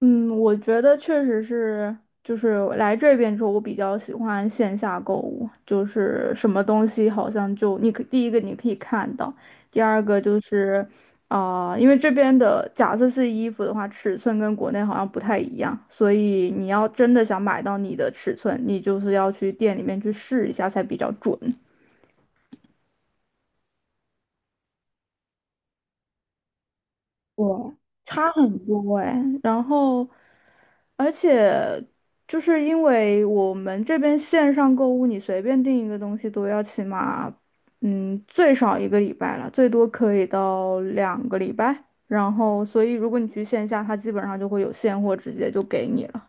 嗯，我觉得确实是，就是来这边之后，我比较喜欢线下购物，就是什么东西好像就你可第一个你可以看到，第二个就是，因为这边的假设是衣服的话，尺寸跟国内好像不太一样，所以你要真的想买到你的尺寸，你就是要去店里面去试一下才比较准。对，差很多哎。然后，而且就是因为我们这边线上购物，你随便订一个东西都要起码，最少1个礼拜了，最多可以到2个礼拜。然后，所以如果你去线下，它基本上就会有现货直接就给你了。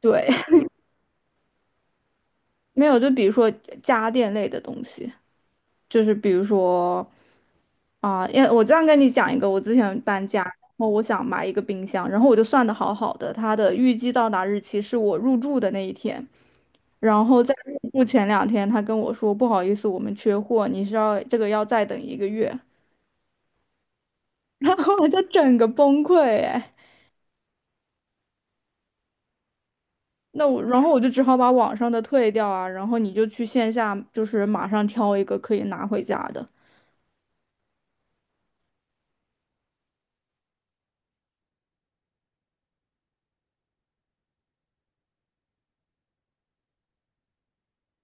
对，没有，就比如说家电类的东西，就是比如说。啊，因为我这样跟你讲一个，我之前搬家，然后我想买一个冰箱，然后我就算的好好的，它的预计到达日期是我入住的那一天，然后在入住前两天，他跟我说不好意思，我们缺货，你是要这个要再等一个月，然后我就整个崩溃哎。那我然后我就只好把网上的退掉啊，然后你就去线下就是马上挑一个可以拿回家的，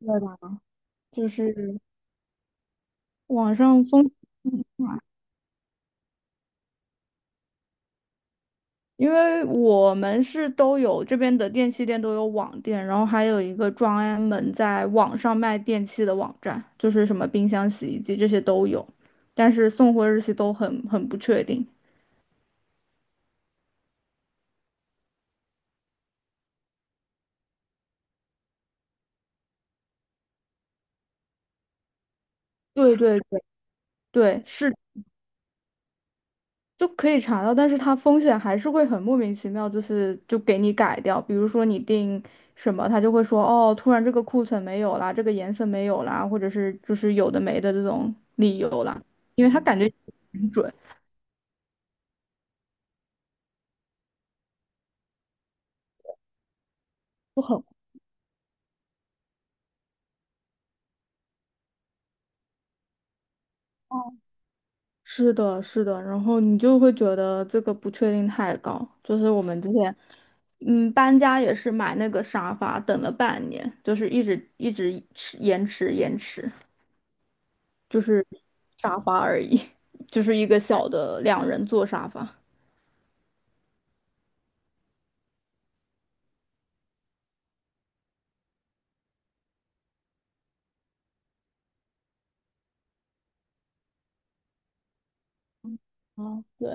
对吧？就是网上风。嗯，因为我们是都有这边的电器店都有网店，然后还有一个专门在网上卖电器的网站，就是什么冰箱、洗衣机这些都有，但是送货日期都很不确定。对对对对，是，就可以查到，但是它风险还是会很莫名其妙，就是就给你改掉。比如说你定什么，他就会说哦，突然这个库存没有啦，这个颜色没有啦，或者是就是有的没的这种理由啦，因为他感觉不很。是的，是的，然后你就会觉得这个不确定太高。就是我们之前，搬家也是买那个沙发，等了半年，就是一直迟延迟，就是沙发而已，就是一个小的2人座沙发。哦，对，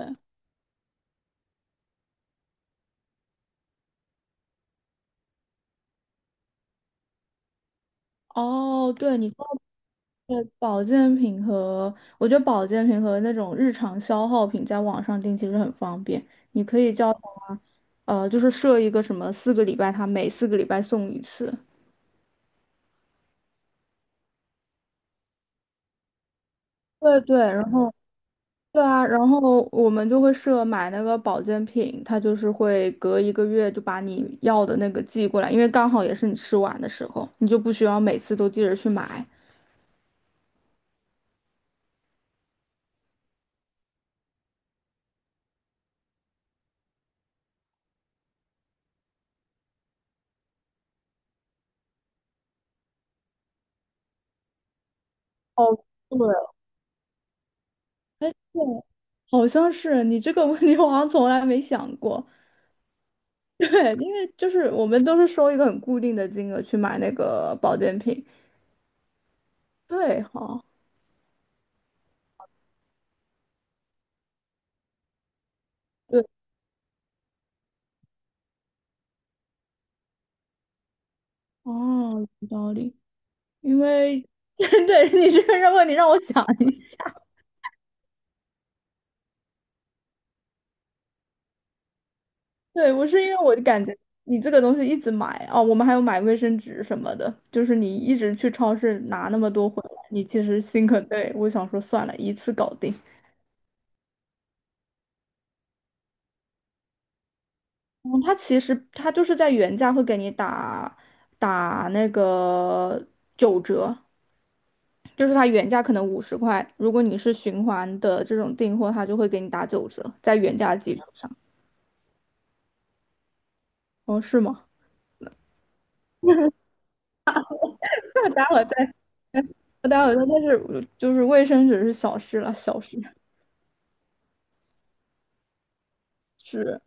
哦，对，你说。对，保健品和我觉得保健品和那种日常消耗品在网上订其实很方便，你可以叫它，就是设一个什么四个礼拜，它每四个礼拜送一次。对，然后对啊，然后我们就会设买那个保健品，它就是会隔一个月就把你要的那个寄过来，因为刚好也是你吃完的时候，你就不需要每次都记着去买。哦，对，哎，对，好像是你这个问题，我好像从来没想过。对，因为就是我们都是收一个很固定的金额去买那个保健品。对哈，对哦，有道理。因为 对你这个问你让我想一下，对我是因为我就感觉你这个东西一直买哦，我们还有买卫生纸什么的，就是你一直去超市拿那么多回来，你其实心很累。我想说算了，一次搞定。嗯，它其实它就是在原价会给你打那个九折，就是它原价可能50块，如果你是循环的这种订货，它就会给你打九折，在原价基础上。哦，是吗？那待会儿再，那待会儿再，但是就是卫生纸是小事了，小事是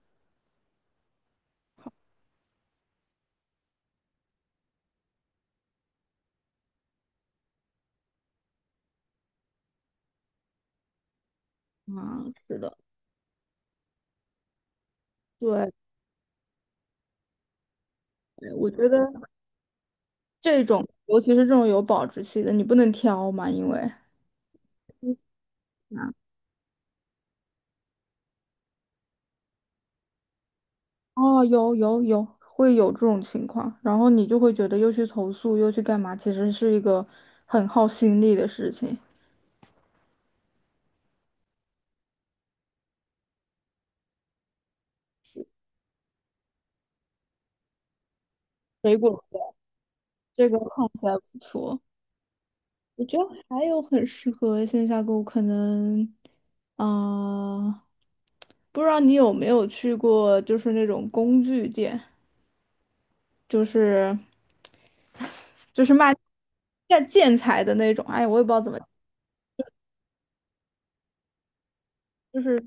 啊，是的，对，我觉得这种，尤其是这种有保质期的，你不能挑嘛，因为啊，哦，有，会有这种情况，然后你就会觉得又去投诉，又去干嘛，其实是一个很耗心力的事情。水果的这个看起来不错。我觉得还有很适合线下购物，可能，啊、不知道你有没有去过，就是那种工具店，就是就是卖建材的那种，哎，我也不知道怎么，就是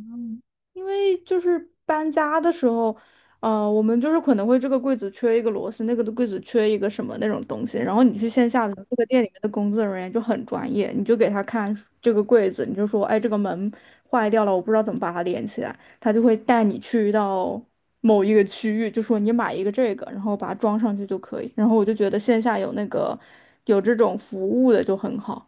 嗯，因为就是搬家的时候，我们就是可能会这个柜子缺一个螺丝，那个的柜子缺一个什么那种东西，然后你去线下的这个店里面的工作人员就很专业，你就给他看这个柜子，你就说，哎，这个门坏掉了，我不知道怎么把它连起来，他就会带你去到某一个区域，就说你买一个这个，然后把它装上去就可以。然后我就觉得线下有那个有这种服务的就很好。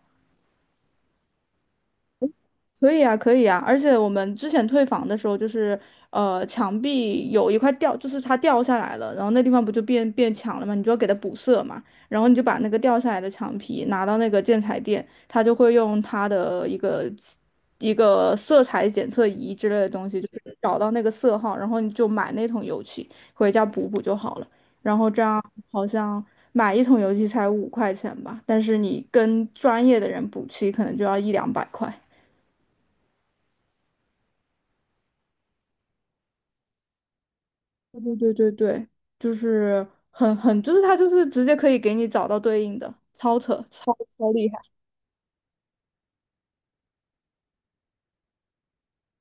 可以啊，可以啊，而且我们之前退房的时候，就是墙壁有一块掉，就是它掉下来了，然后那地方不就变变墙了嘛，你就要给它补色嘛，然后你就把那个掉下来的墙皮拿到那个建材店，他就会用他的一个色彩检测仪之类的东西，就是找到那个色号，然后你就买那桶油漆回家补补就好了，然后这样好像。买一桶油漆才五块钱吧，但是你跟专业的人补漆，可能就要1、200块。对，就是很很，就是它就是直接可以给你找到对应的，超扯，超厉害。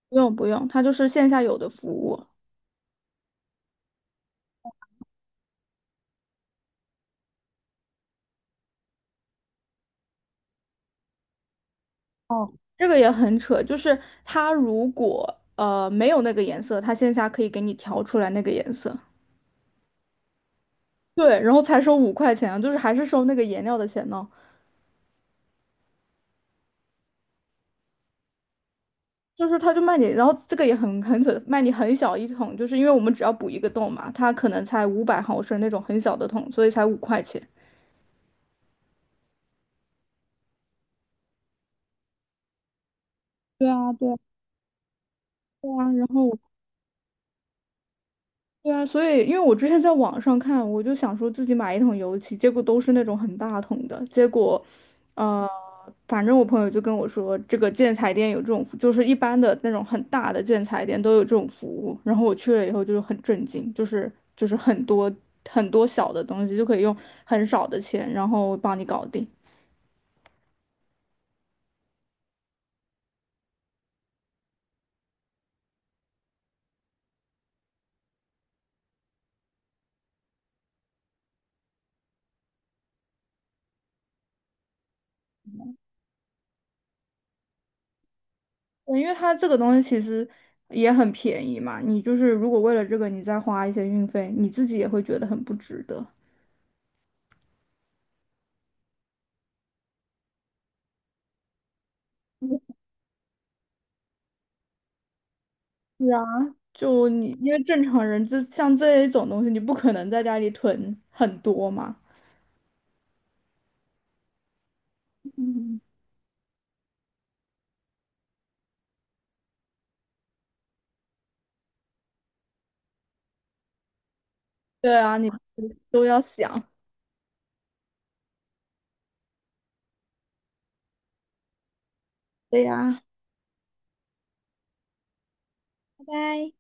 不用，它就是线下有的服务。哦，这个也很扯，就是它如果没有那个颜色，它线下可以给你调出来那个颜色。对，然后才收五块钱啊就是还是收那个颜料的钱呢。就是他就卖你，然后这个也很很扯，卖你很小一桶，就是因为我们只要补一个洞嘛，它可能才500毫升那种很小的桶，所以才五块钱。对啊，对啊，对啊，然后。对啊，所以因为我之前在网上看，我就想说自己买一桶油漆，结果都是那种很大桶的。结果，呃，反正我朋友就跟我说，这个建材店有这种服，就是一般的那种很大的建材店都有这种服务。然后我去了以后就是很震惊，就是很多很多小的东西就可以用很少的钱，然后帮你搞定。对，因为它这个东西其实也很便宜嘛，你就是如果为了这个你再花一些运费，你自己也会觉得很不值得。是啊，就你因为正常人这像这一种东西，你不可能在家里囤很多嘛。嗯，对啊，你都要想。对呀，拜拜。